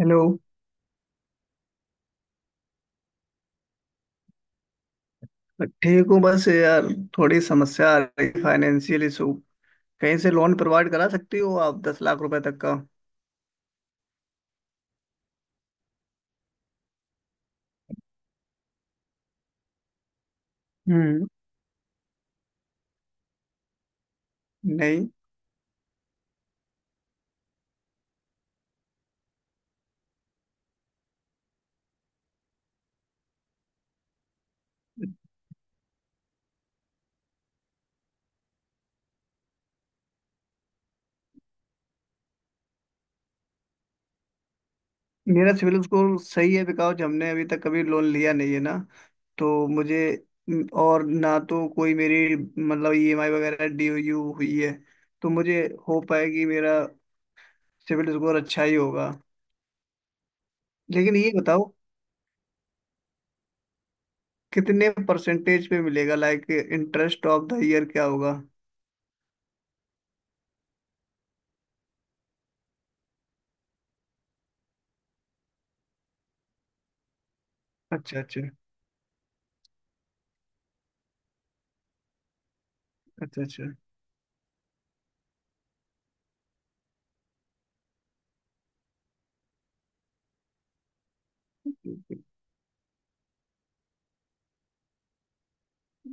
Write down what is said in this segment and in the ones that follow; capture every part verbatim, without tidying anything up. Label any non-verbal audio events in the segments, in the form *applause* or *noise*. Hello. ठीक हूँ बस यार, थोड़ी समस्या आ रही है, फाइनेंशियल इशू। कहीं से लोन प्रोवाइड करा सकती हो आप दस लाख रुपए तक का? हम्म। नहीं। मेरा सिविल स्कोर सही है बिकॉज हमने अभी तक कभी लोन लिया नहीं है ना। तो मुझे और ना तो कोई मेरी मतलब ईएमआई वगैरह ड्यू हुई है। तो मुझे होप है कि मेरा सिविल स्कोर अच्छा ही होगा। लेकिन ये बताओ, कितने परसेंटेज पे मिलेगा, like interest of the year क्या होगा? अच्छा अच्छा। अच्छा अच्छा।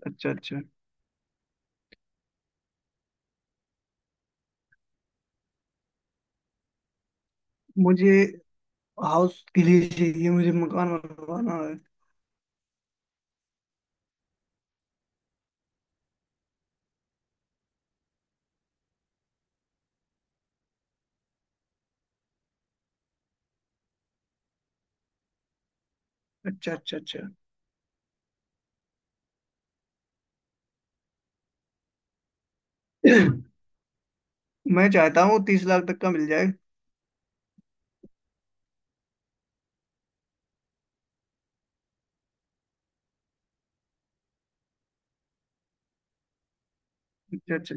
अच्छा अच्छा। मुझे हाउस के लिए चाहिए, मुझे मकान बनवाना है। अच्छा अच्छा अच्छा। मैं चाहता हूँ तीस लाख तक का मिल जाए। अच्छा अच्छा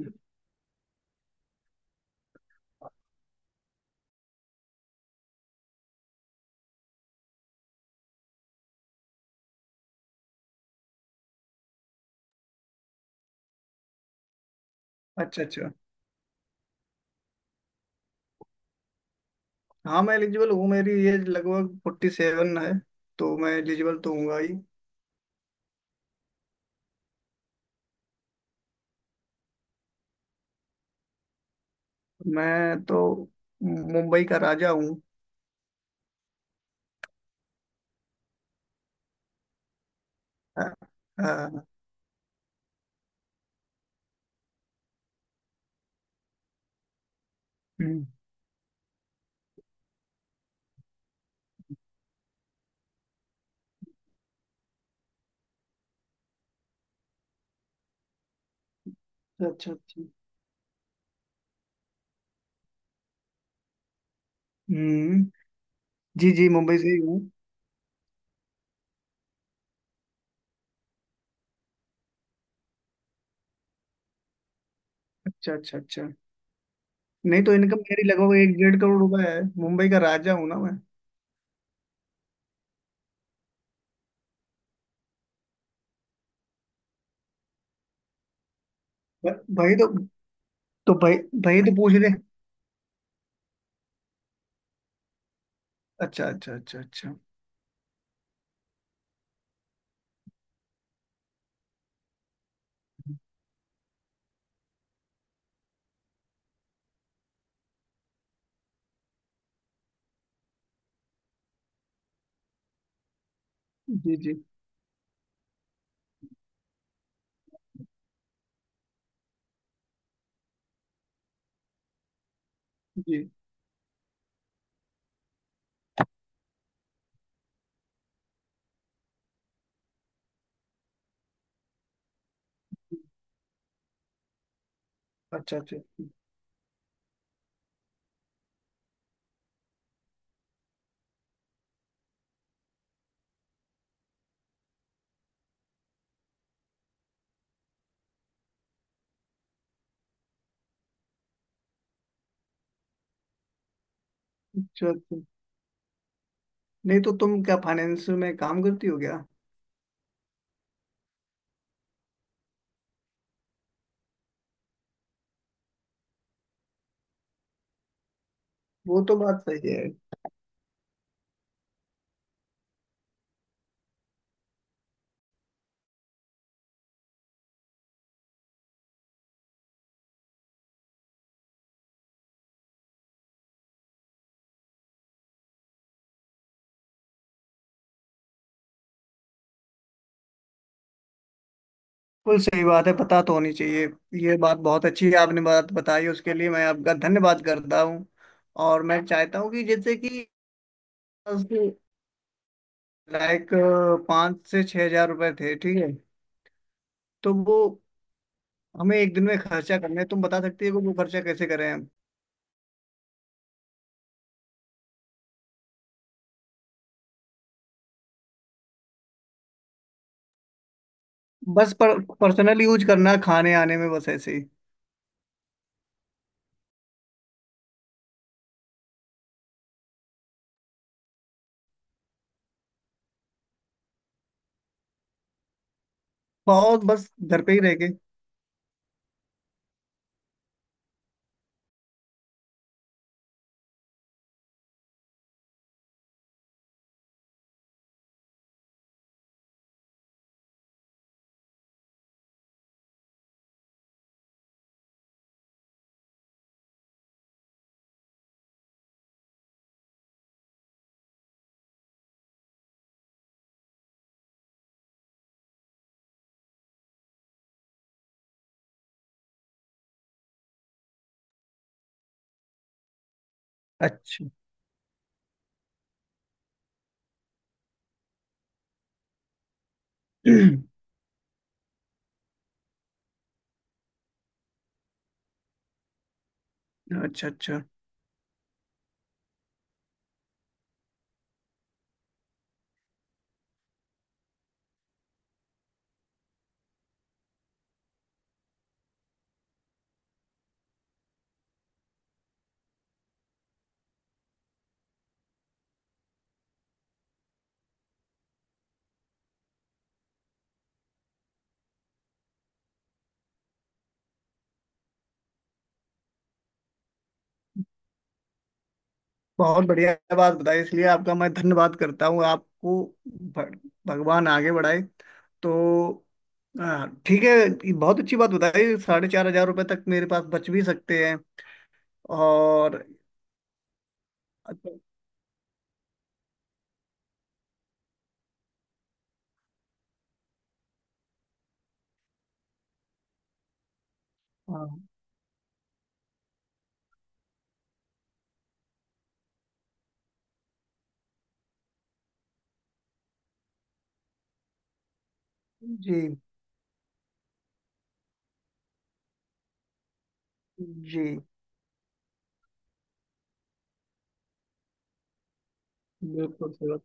अच्छा अच्छा। हाँ मैं एलिजिबल हूँ, मेरी एज लगभग फोर्टी सेवन है। तो मैं एलिजिबल तो हूँगा ही। मैं तो मुंबई का राजा हूँ। हाँ, हाँ, हम्म, अच्छा अच्छा। हम्म। जी जी, मुंबई से ही हूँ। अच्छा अच्छा अच्छा। नहीं तो इनकम मेरी लगभग एक डेढ़ करोड़ रुपए है, मुंबई का राजा हूँ ना मैं। भ- भाई तो। तो भाई, भाई तो पूछ रहे। अच्छा अच्छा अच्छा अच्छा। जी जी। जी। अच्छा अच्छा अच्छा अच्छा। नहीं तो तुम क्या फाइनेंस में काम करती हो क्या? वो तो बात सही है। बिल्कुल सही बात है, पता तो होनी चाहिए। ये बात बहुत अच्छी है आपने बात बताई, उसके लिए मैं आपका धन्यवाद करता हूँ। और मैं चाहता हूँ कि जैसे कि लाइक पाँच से छह हजार रुपए थे, ठीक है? तो वो हमें एक दिन में खर्चा करने हैं। तुम बता सकती हो कि वो खर्चा कैसे करें? बस पर, पर्सनल यूज करना, खाने आने में, बस ऐसे ही। बहुत बस घर पे ही रह के। अच्छा। *clears throat* अच्छा अच्छा। बहुत बढ़िया बात बताई, इसलिए आपका मैं धन्यवाद करता हूँ आपको। भ- भगवान आगे बढ़ाए। तो आ, ठीक है, ये बहुत अच्छी बात बताई, साढ़े चार हजार रुपये तक मेरे पास बच भी सकते हैं। और अच्छा। हाँ जी जी, बिल्कुल सही बात।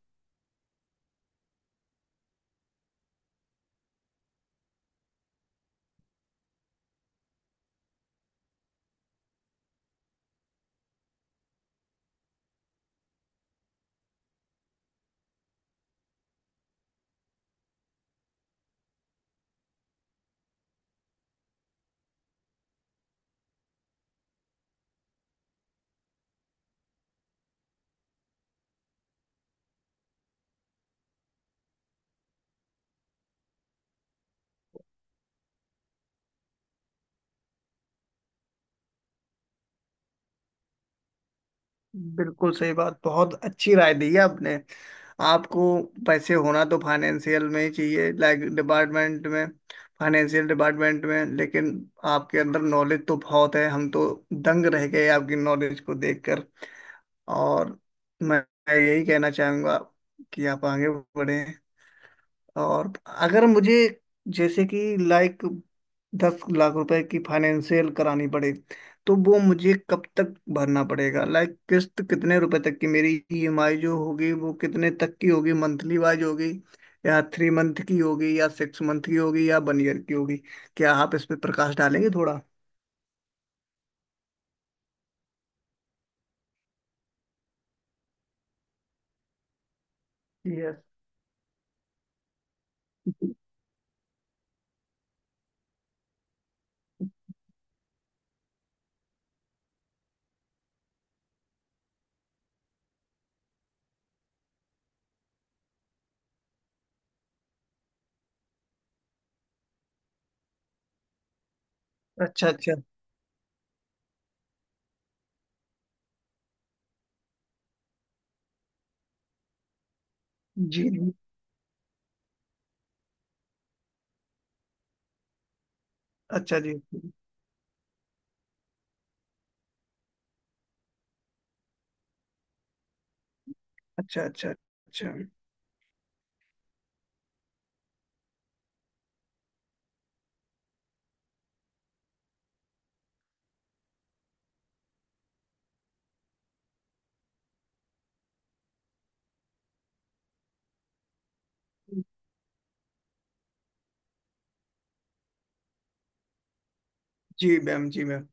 बिल्कुल सही बात, बहुत अच्छी राय दी है आपने। आपको पैसे होना तो फाइनेंशियल में ही चाहिए, लाइक डिपार्टमेंट में, फाइनेंशियल डिपार्टमेंट में। लेकिन आपके अंदर नॉलेज तो बहुत है, हम तो दंग रह गए आपकी नॉलेज को देखकर। और मैं मैं यही कहना चाहूँगा कि आप आगे बढ़े। और अगर मुझे जैसे कि लाइक दस लाख रुपए की फाइनेंशियल करानी पड़े, तो वो मुझे कब तक भरना पड़ेगा? लाइक किस्त कितने रुपए तक की? मेरी ईएमआई जो होगी वो कितने तक की होगी? मंथली वाइज होगी या थ्री मंथ की होगी या सिक्स मंथ की होगी या वन ईयर की होगी? क्या आप इस पे प्रकाश डालेंगे थोड़ा? यस। अच्छा अच्छा। जी जी। अच्छा जी। अच्छा अच्छा अच्छा। जी मैम जी मैम।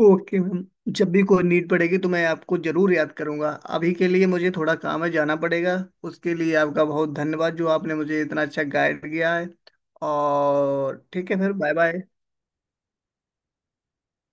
ओके मैम, जब भी कोई नीड पड़ेगी तो मैं आपको जरूर याद करूंगा। अभी के लिए मुझे थोड़ा काम है, जाना पड़ेगा। उसके लिए आपका बहुत धन्यवाद, जो आपने मुझे इतना अच्छा गाइड किया है। और ठीक है, फिर बाय बाय।